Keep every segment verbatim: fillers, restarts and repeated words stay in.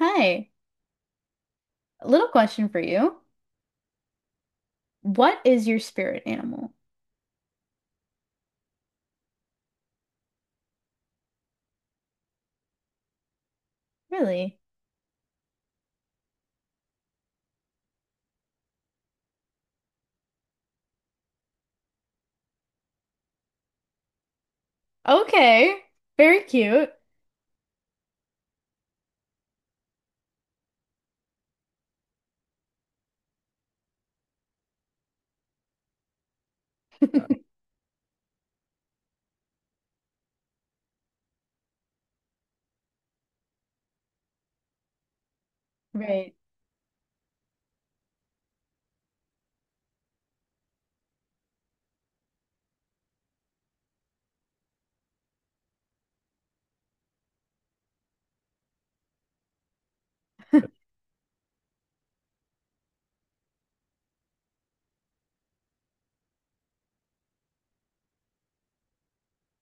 Hi, little question for you. What is your spirit animal? Really? Okay, very cute. Right.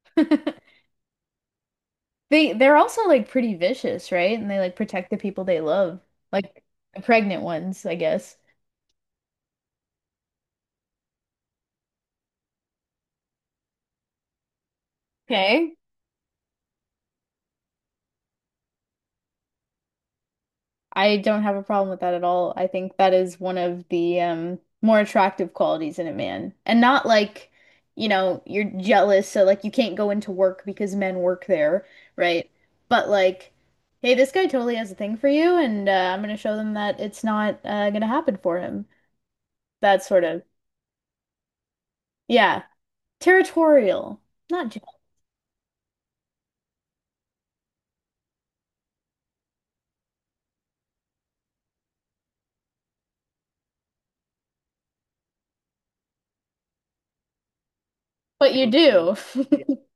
They they're also like pretty vicious, right? And they like protect the people they love, like the pregnant ones, I guess. Okay. I don't have a problem with that at all. I think that is one of the um, more attractive qualities in a man. And not like, you know, you're jealous, so like you can't go into work because men work there, right? But like, hey, this guy totally has a thing for you, and uh, I'm gonna show them that it's not uh, gonna happen for him. That sort of, yeah, territorial, not jealous, but you do.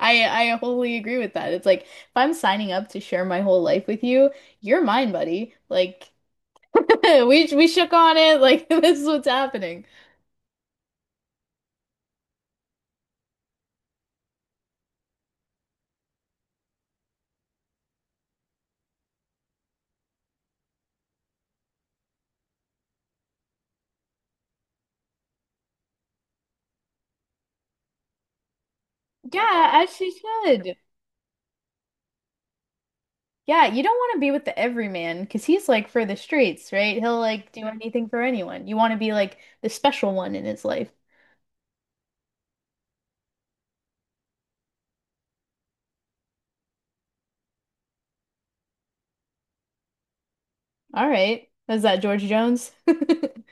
I I wholly agree with that. It's like if I'm signing up to share my whole life with you, you're mine, buddy. Like. We we shook on it like this is what's happening. Yeah, as she should. Yeah, you don't want to be with the everyman because he's like for the streets, right? He'll like do anything for anyone. You want to be like the special one in his life. All right. Is that George Jones?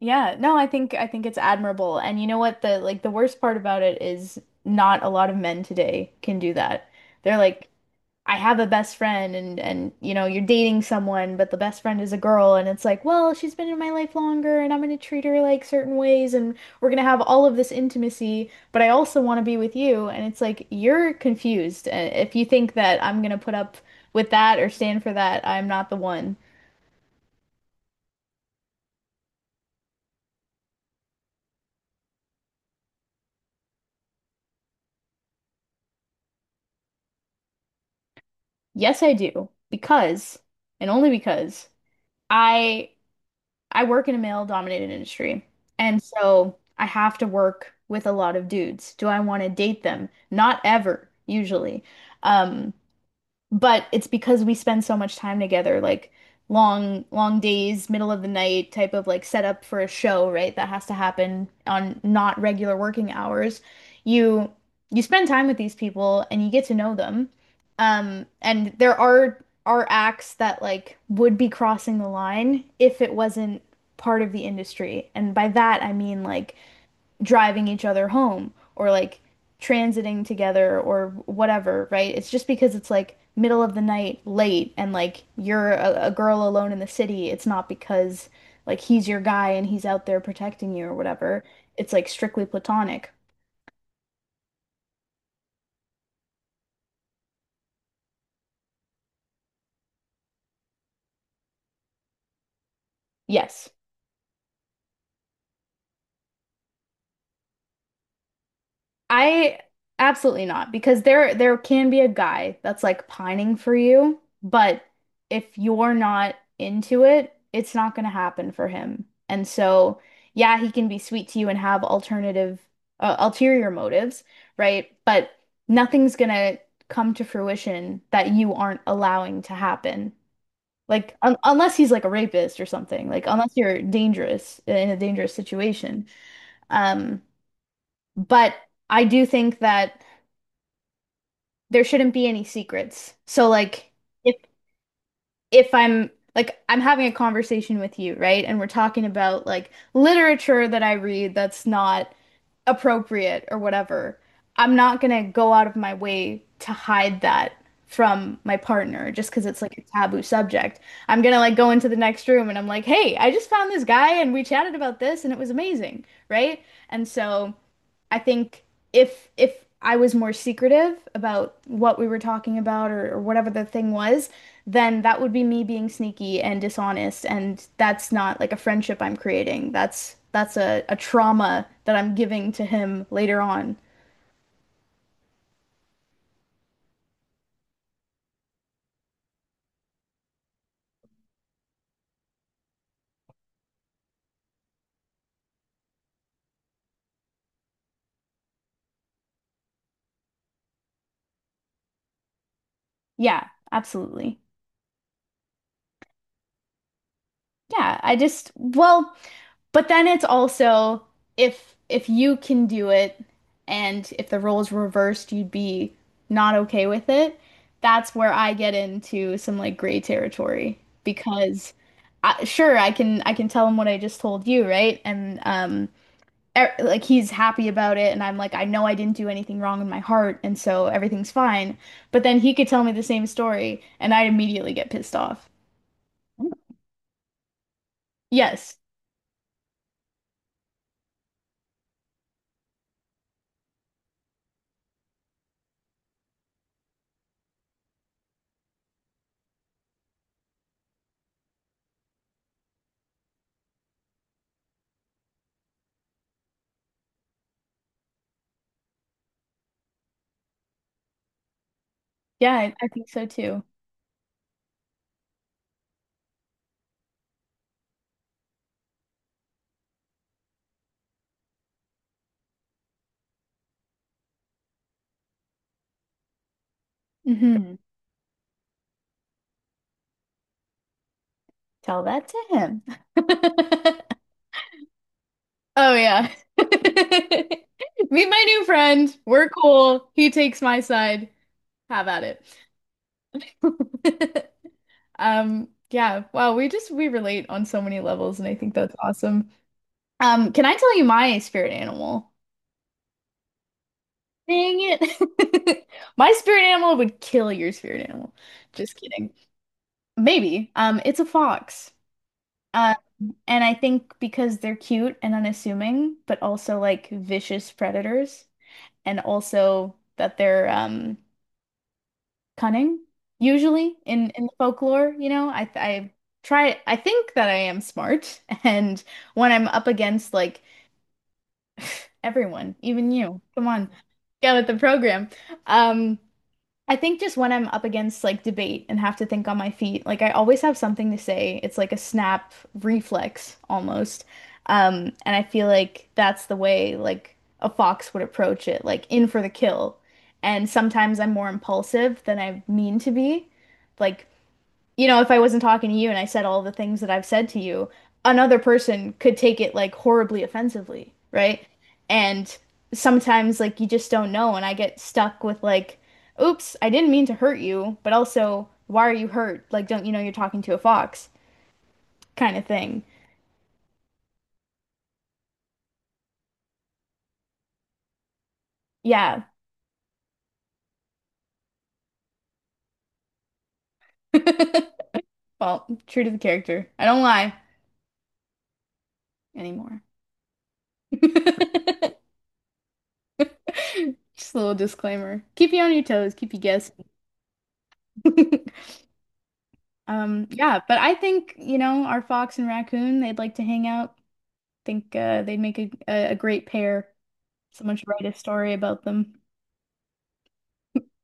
Yeah, no, I think I think it's admirable. And you know what the like the worst part about it is not a lot of men today can do that. They're like I have a best friend and and you know you're dating someone but the best friend is a girl and it's like well she's been in my life longer and I'm going to treat her like certain ways and we're going to have all of this intimacy but I also want to be with you and it's like you're confused. Uh, if you think that I'm going to put up with that or stand for that, I'm not the one. Yes I do, because and only because I I work in a male dominated industry. And so I have to work with a lot of dudes. Do I want to date them? Not ever, usually. Um, but it's because we spend so much time together, like long, long days, middle of the night type of like setup for a show, right? That has to happen on not regular working hours. You you spend time with these people and you get to know them. Um, and there are are acts that like would be crossing the line if it wasn't part of the industry. And by that I mean like driving each other home or like transiting together or whatever, right? It's just because it's like middle of the night, late, and like you're a, a girl alone in the city. It's not because like he's your guy and he's out there protecting you or whatever. It's like strictly platonic. Yes. I absolutely not, because there there can be a guy that's like pining for you, but if you're not into it, it's not going to happen for him. And so, yeah, he can be sweet to you and have alternative uh, ulterior motives, right? But nothing's going to come to fruition that you aren't allowing to happen. Like un unless he's like a rapist or something, like unless you're dangerous in a dangerous situation. Um, but I do think that there shouldn't be any secrets. So like if if I'm like I'm having a conversation with you, right? And we're talking about like literature that I read that's not appropriate or whatever. I'm not gonna go out of my way to hide that from my partner just because it's like a taboo subject. I'm gonna like go into the next room and I'm like, "Hey, I just found this guy and we chatted about this and it was amazing." Right? And so I think if if I was more secretive about what we were talking about or, or whatever the thing was, then that would be me being sneaky and dishonest, and that's not like a friendship I'm creating. That's that's a, a trauma that I'm giving to him later on. Yeah, absolutely. Yeah, I just well, but then it's also if if you can do it and if the roles reversed, you'd be not okay with it. That's where I get into some like gray territory because I, sure I can I can tell him what I just told you, right? And um er, like he's happy about it and I'm like I know I didn't do anything wrong in my heart and so everything's fine. But then he could tell me the same story and I'd immediately get pissed off. Yes. Yeah, I, I think so too. hmm Tell that to him. Oh yeah. Meet my new friend. We're cool. He takes my side. Have at it. Um, yeah. Wow, we just we relate on so many levels, and I think that's awesome. Um, can I tell you my spirit animal? Dang it. My spirit animal would kill your spirit animal. Just kidding. Maybe. Um, it's a fox. Uh, And I think because they're cute and unassuming, but also like vicious predators, and also that they're um cunning, usually in in folklore, you know, I I try I think that I am smart, and when I'm up against like everyone, even you, come on, get with the program. Um, I think just when I'm up against like debate and have to think on my feet, like I always have something to say. It's like a snap reflex almost. Um, and I feel like that's the way like a fox would approach it, like in for the kill. And sometimes I'm more impulsive than I mean to be. Like you know, if I wasn't talking to you and I said all the things that I've said to you, another person could take it like horribly offensively, right? And sometimes like you just don't know, and I get stuck with like, oops, I didn't mean to hurt you, but also, why are you hurt? Like, don't you know you're talking to a fox kind of thing. Yeah. Well, true to the character. I don't lie anymore. Just a little disclaimer. Keep you on your toes, keep you guessing. Um, yeah, but I think, you know, our fox and raccoon, they'd like to hang out. Think uh, they'd make a, a, a great pair. Someone should write a story about them.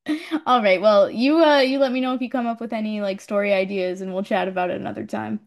All right, well, you uh you let me know if you come up with any like story ideas and we'll chat about it another time.